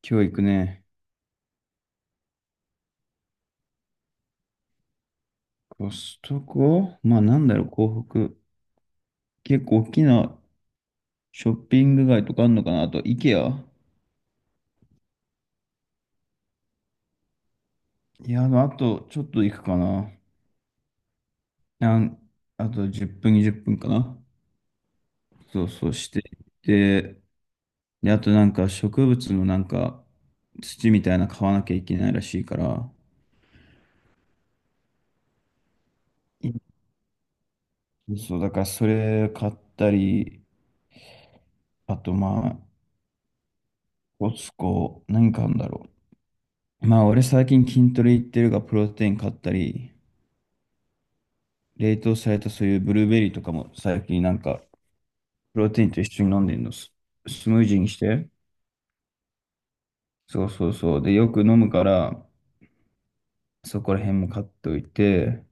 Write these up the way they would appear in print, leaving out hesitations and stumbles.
今日行くね。コストコ、まあなんだろう、港北。結構大きなショッピング街とかあるのかなあと、イケア。いや、あとちょっと行くかな。なんあと10分、20分かな。そうそう、していって、で、あとなんか植物のなんか土みたいな買わなきゃいけないらしいから、そう、だからそれ買ったり、あとまあ、コスコ、何買うんだろう。まあ俺最近筋トレ行ってるが、プロテイン買ったり、冷凍されたそういうブルーベリーとかも最近なんか、プロテインと一緒に飲んでんの、スムージーにして。そうそうそう。で、よく飲むから、そこら辺も買っておいて、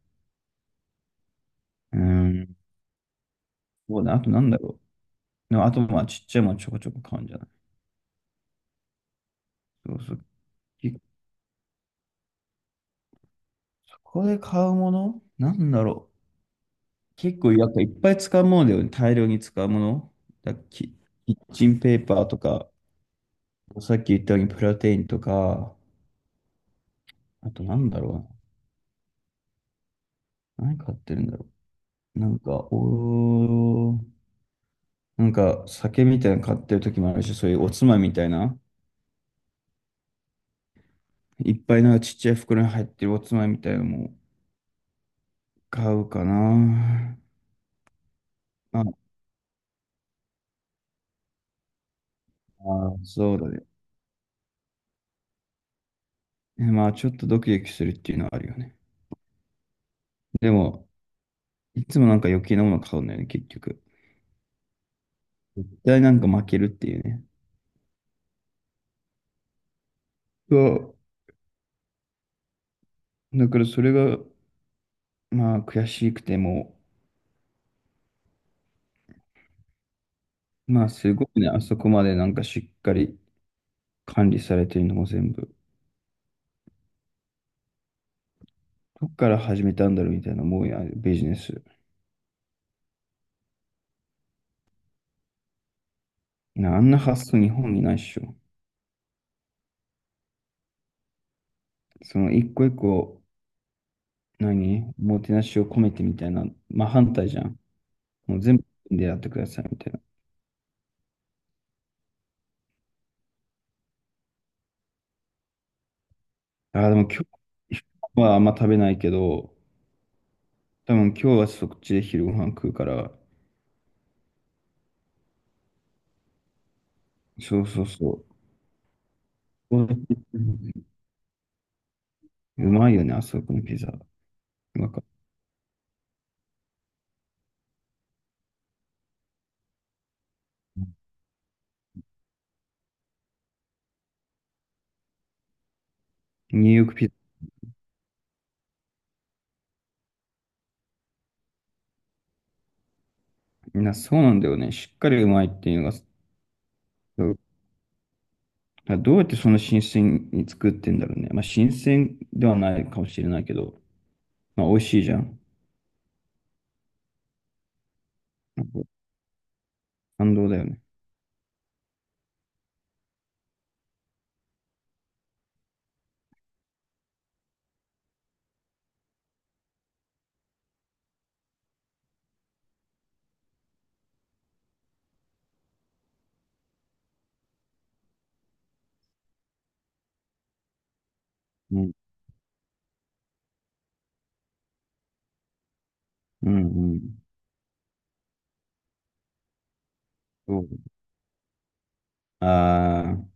うん、そうだね、あとなんだろう。でもあとまあちっちゃいものちょこちょこ買うんじゃない。そうそう。結構ここで買うものなんだろう。結構やっぱいっぱい使うものだよね。大量に使うもの。だキ、キッチンペーパーとか、さっき言ったようにプロテインとか、あとなんだろうな。何買ってるんだろう。なんか、なんか酒みたいなの買ってる時もあるし、そういうおつまみみたいな、いっぱいなんかちっちゃい袋に入ってるおつまみみたいなのも買うかな。ああ、そうだね。え、まあ、ちょっとドキドキするっていうのはあるよね。でも、いつもなんか余計なもの買うんだよね、結局。絶対なんか負けるっていうね。そう。だからそれが、まあ、悔しくても、まあ、すごいね、あそこまでなんかしっかり管理されてるのも全部。どっから始めたんだろうみたいな、もうやビジネス。なあんな発想日本にないっしょ。その一個一個、何、おもてなしを込めてみたいな、まあ反対じゃん。もう全部でやってくださいみたいな。ああ、でも今日はあんま食べないけど、多分今日はそっちで昼ご飯食うから、そうそうそう。うまいよね、あそこのピザ。なんか、ニューヨークピザ。みんなそうなんだよね。しっかりうまいっていうのが、だからどうやってその新鮮に作ってんだろうね。まあ、新鮮ではないかもしれないけど、まあ、美味しいじゃん。なんか感動だよね。うん、うん、うん。そう、ああ、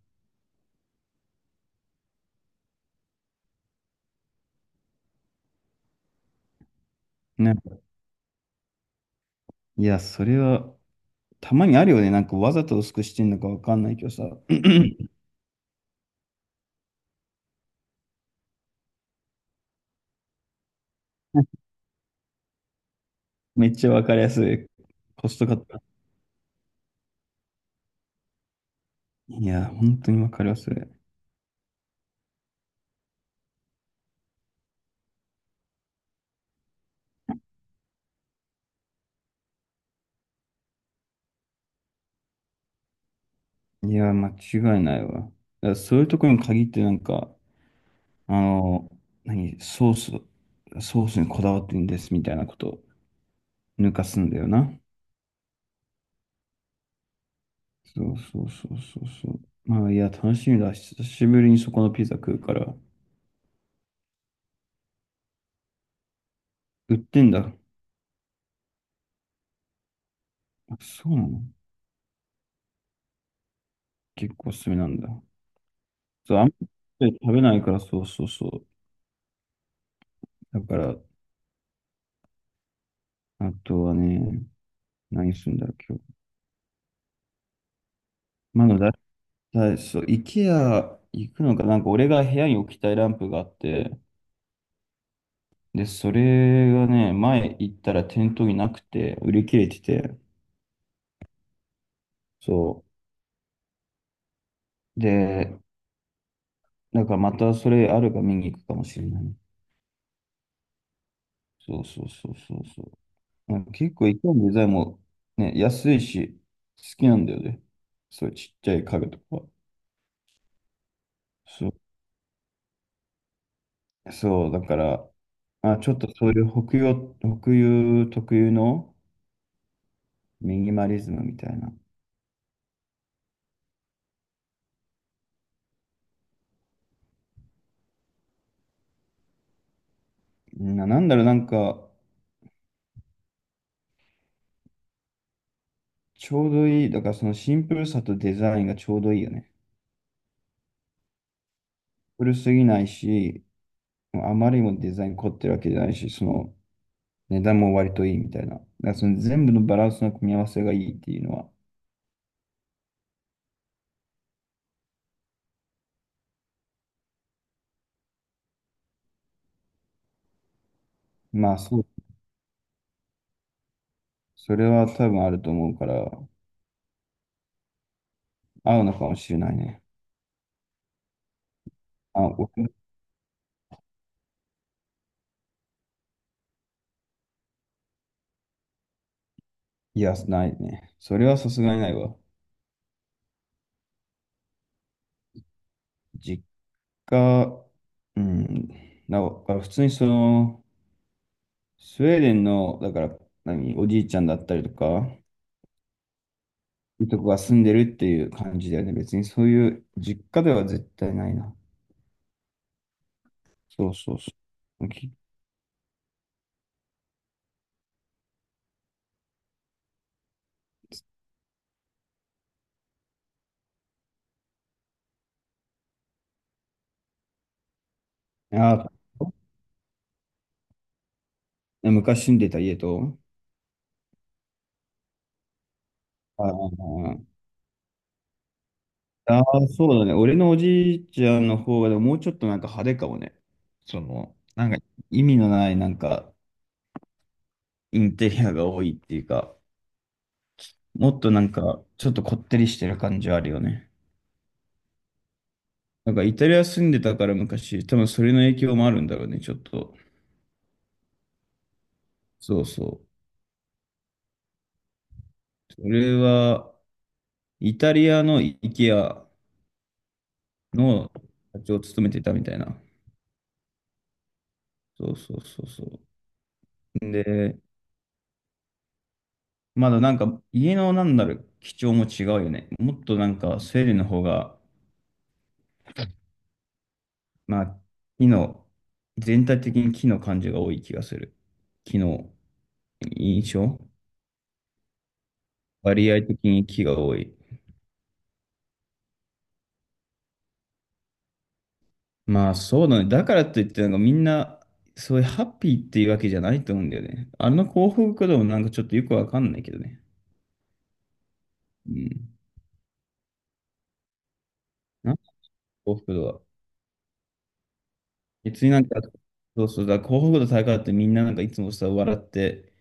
なんか、いや、それは、たまにあるよね。なんか、わざと薄くしてんのかわかんないけどさ。めっちゃわかりやすい。コストカット。いや、本当にわかりやすい。いや、間違いないわ。だからそういうところに限ってなんか、あの、何、ソース、ソースにこだわってんですみたいなこと抜かすんだよな。そうそうそうそうそう。まあ、いや、楽しみだ。久しぶりにそこのピザ食うから。売ってんだ。あ、そうなの。結構おすすめなんだ。そう、あんまり食べないから、そうそうそう。だから、あとはね、何するんだろう、今日。まだだ、そう、IKEA 行くのか、なんか俺が部屋に置きたいランプがあって、で、それがね、前行ったら店頭になくて、売り切れてて、そう。で、だからまたそれあるか見に行くかもしれないね。そうそうそうそうそう。なんか結構いかにデザインもね、安いし、好きなんだよね。そういうちっちゃい家具とか。そう、そう、だから、あ、ちょっとそういう北洋、北洋特有のミニマリズムみたいな。なんだろう、なんか、ちょうどいい。だからそのシンプルさとデザインがちょうどいいよね。古すぎないし、あまりにもデザイン凝ってるわけじゃないし、その値段も割といいみたいな。だからその全部のバランスの組み合わせがいいっていうのは、まあそう、それは多分あると思うから、合うのかもしれないね。あ、おいや、ないね。それはさすがにないわ。実家、うん、だから普通にその、スウェーデンの、だから、何、おじいちゃんだったりとか、いとこが住んでるっていう感じだよね。別にそういう実家では絶対ないな。そうそうそう。あー、昔住んでた家と、ああ、ああ、そうだね。俺のおじいちゃんの方が、でももうちょっとなんか派手かもね。その、なんか意味のないなんかインテリアが多いっていうか、もっとなんかちょっとこってりしてる感じはあるよね。なんかイタリア住んでたから昔、多分それの影響もあるんだろうね、ちょっと。そうそう。それは、イタリアの IKEA の社長を務めてたみたいな。そうそうそうそう。で、まだなんか家のなんだろう、基調も違うよね。もっとなんかスウェーデンの方が、まあ、木の、全体的に木の感じが多い気がする。木の印象、割合的に木が多い。まあそうだね。だからといってなんかみんな、そういうハッピーっていうわけじゃないと思うんだよね。あの幸福度もなんかちょっとよくわかんないけどね。うん。なんか幸福度は。別になんか、そうそうだ、幸福度高いってみんななんかいつもさ、笑って、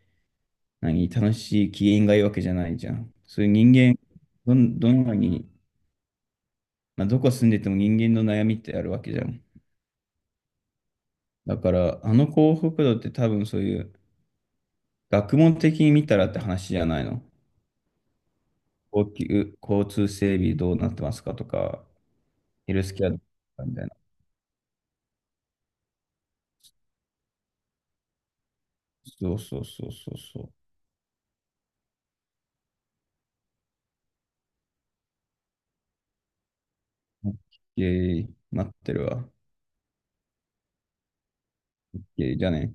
何、楽しい機嫌がいいわけじゃないじゃん。そういう人間、どんなに、まあ、どこ住んでても人間の悩みってあるわけじゃん。だから、あの幸福度って多分そういう、学問的に見たらって話じゃないの。高級、交通整備どうなってますかとか、ヘルスケアどうなってますかみたいな。そうそうそうそうそう。オッケー、待ってるわ。オッケー、じゃあね。